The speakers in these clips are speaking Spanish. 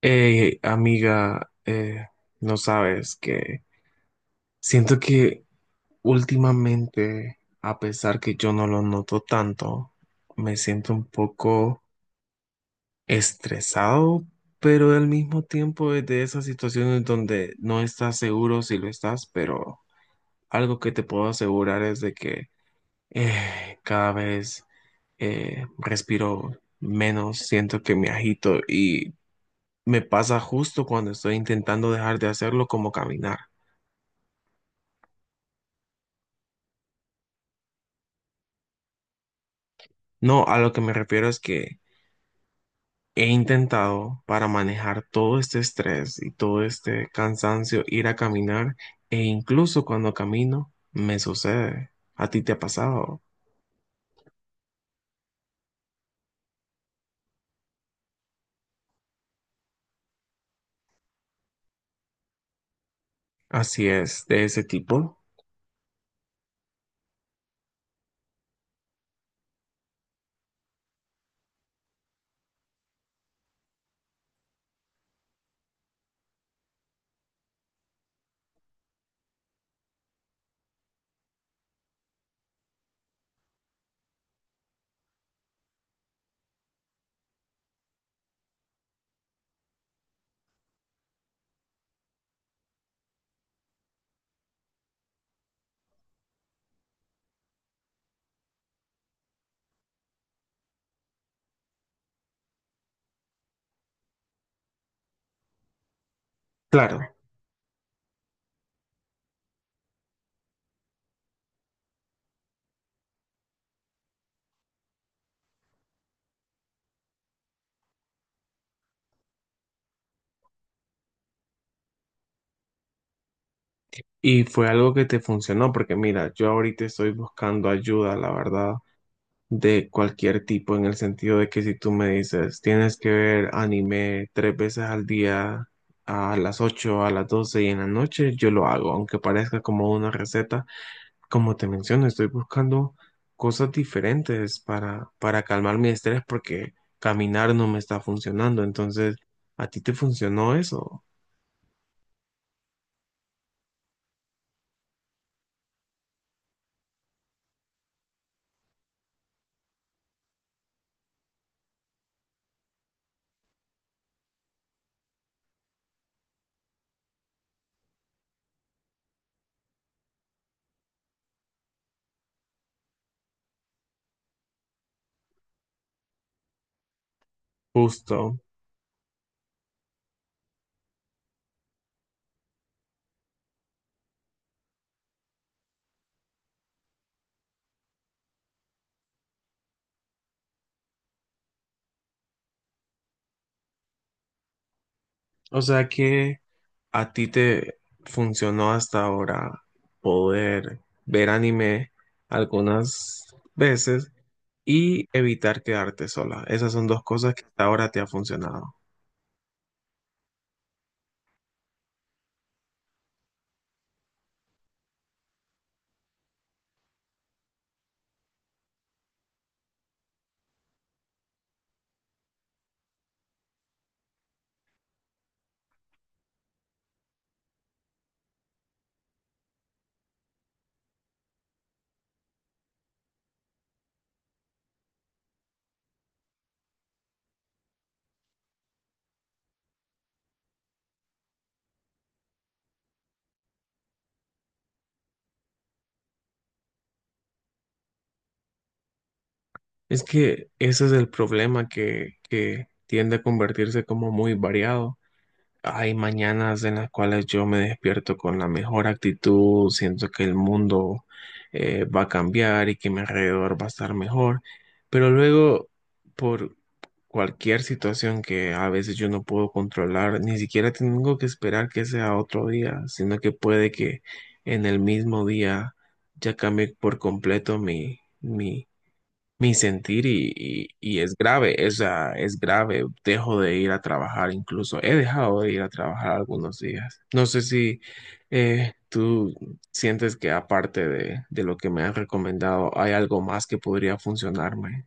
Hey, amiga, no sabes que siento que últimamente, a pesar que yo no lo noto tanto, me siento un poco estresado, pero al mismo tiempo es de esas situaciones donde no estás seguro si lo estás, pero algo que te puedo asegurar es de que cada vez respiro menos, siento que me agito y me pasa justo cuando estoy intentando dejar de hacerlo como caminar. No, a lo que me refiero es que he intentado para manejar todo este estrés y todo este cansancio ir a caminar e incluso cuando camino me sucede. ¿A ti te ha pasado? Así es, de ese tipo. Claro. Y fue algo que te funcionó porque mira, yo ahorita estoy buscando ayuda, la verdad, de cualquier tipo, en el sentido de que si tú me dices, tienes que ver anime 3 veces al día, a las 8 a las 12 y en la noche, yo lo hago, aunque parezca como una receta. Como te menciono, estoy buscando cosas diferentes para calmar mi estrés porque caminar no me está funcionando. Entonces, ¿a ti te funcionó eso? Justo. O sea que... ¿A ti te funcionó hasta ahora poder ver anime algunas veces y evitar quedarte sola? Esas son dos cosas que hasta ahora te ha funcionado. Es que ese es el problema que tiende a convertirse como muy variado. Hay mañanas en las cuales yo me despierto con la mejor actitud, siento que el mundo va a cambiar y que mi alrededor va a estar mejor, pero luego por cualquier situación que a veces yo no puedo controlar, ni siquiera tengo que esperar que sea otro día, sino que puede que en el mismo día ya cambie por completo mi sentir y es grave, o sea, es grave. Dejo de ir a trabajar, incluso he dejado de ir a trabajar algunos días. No sé si tú sientes que aparte de lo que me has recomendado, hay algo más que podría funcionarme.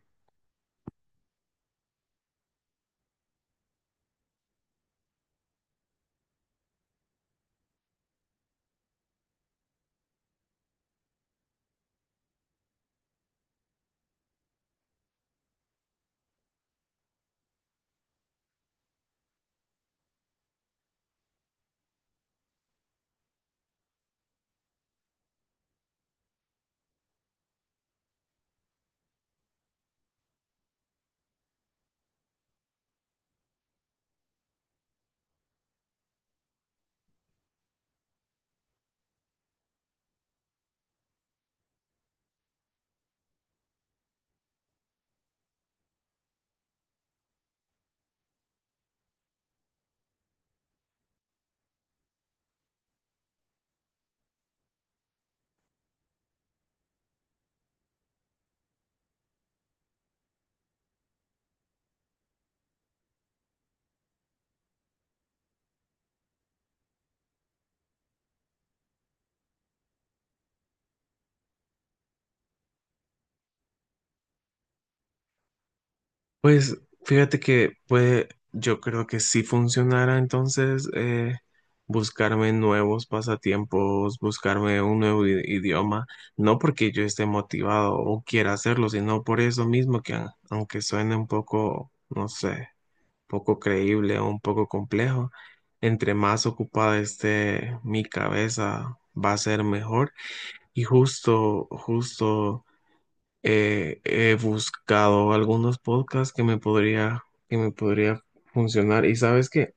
Pues fíjate que puede, yo creo que si funcionara entonces buscarme nuevos pasatiempos, buscarme un nuevo idioma, no porque yo esté motivado o quiera hacerlo, sino por eso mismo que aunque suene un poco, no sé, poco creíble o un poco complejo, entre más ocupada esté mi cabeza va a ser mejor. Justo he buscado algunos podcasts que me podría funcionar. Y sabes que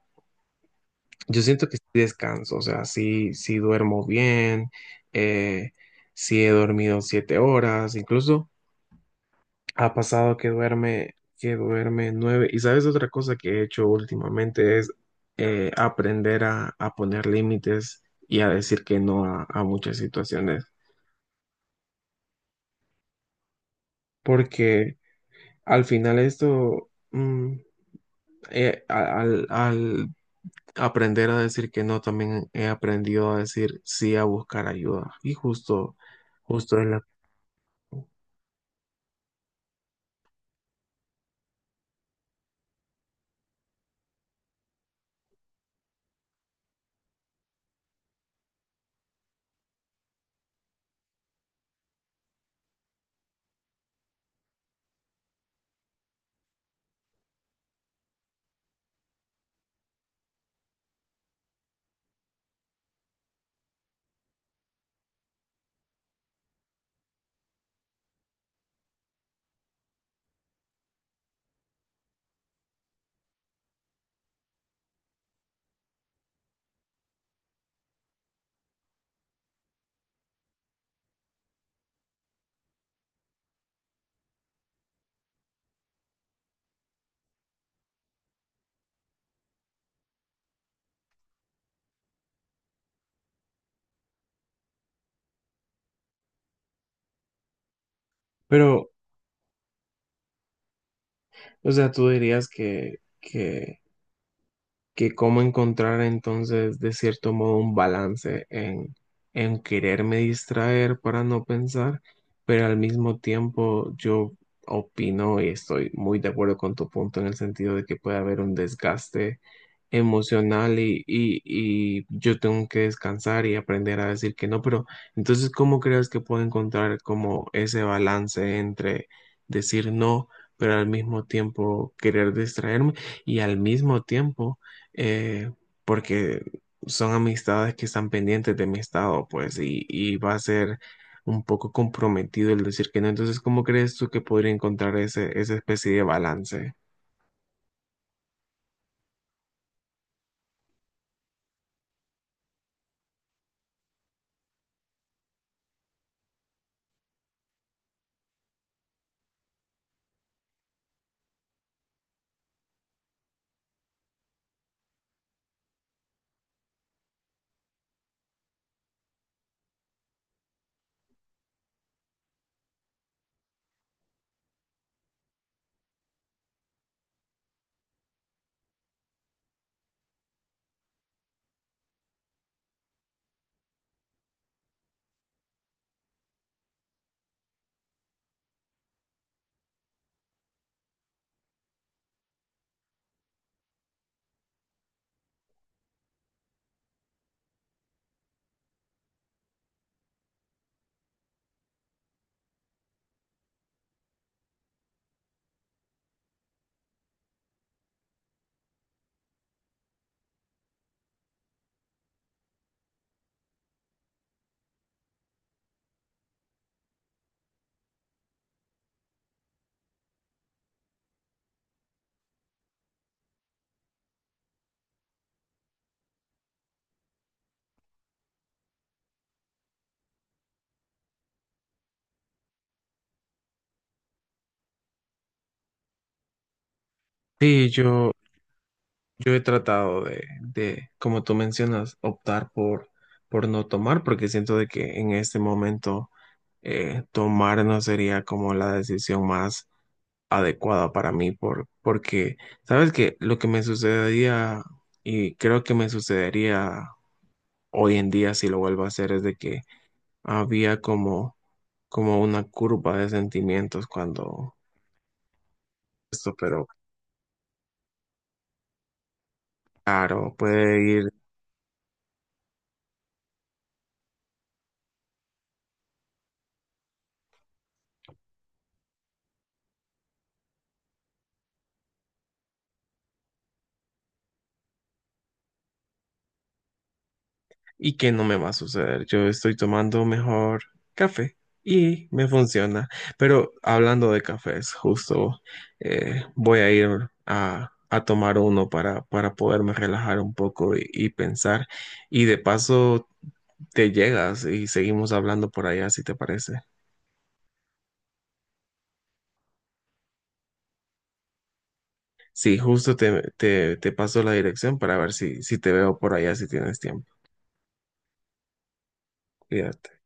yo siento que sí descanso, o sea, sí duermo bien, eh, sí he dormido 7 horas, incluso ha pasado que duerme nueve. Y sabes otra cosa que he hecho últimamente es aprender a poner límites y a decir que no a muchas situaciones, porque al final esto... mm, a- al, al aprender a decir que no, también he aprendido a decir sí, a buscar ayuda. Y justo, justo es la... Pero, o sea, tú dirías que cómo encontrar entonces de cierto modo un balance en quererme distraer para no pensar, pero al mismo tiempo yo opino y estoy muy de acuerdo con tu punto en el sentido de que puede haber un desgaste emocional y yo tengo que descansar y aprender a decir que no, pero entonces ¿cómo crees que puedo encontrar como ese balance entre decir no, pero al mismo tiempo querer distraerme y al mismo tiempo eh, porque son amistades que están pendientes de mi estado, pues, y va a ser un poco comprometido el decir que no. Entonces, ¿cómo crees tú que podría encontrar ese, esa especie de balance? Sí, yo, yo he tratado de, como tú mencionas, optar por no tomar, porque siento de que en este momento tomar no sería como la decisión más adecuada para mí porque, ¿sabes qué? Lo que me sucedería y creo que me sucedería hoy en día si lo vuelvo a hacer es de que había como, como una curva de sentimientos cuando esto, pero claro, puede ir y que no me va a suceder. Yo estoy tomando mejor café y me funciona. Pero hablando de cafés, justo voy a ir a tomar uno para poderme relajar un poco y pensar. Y de paso te llegas y seguimos hablando por allá, si te parece. Sí, justo te paso la dirección para ver si, si te veo por allá, si tienes tiempo. Cuídate.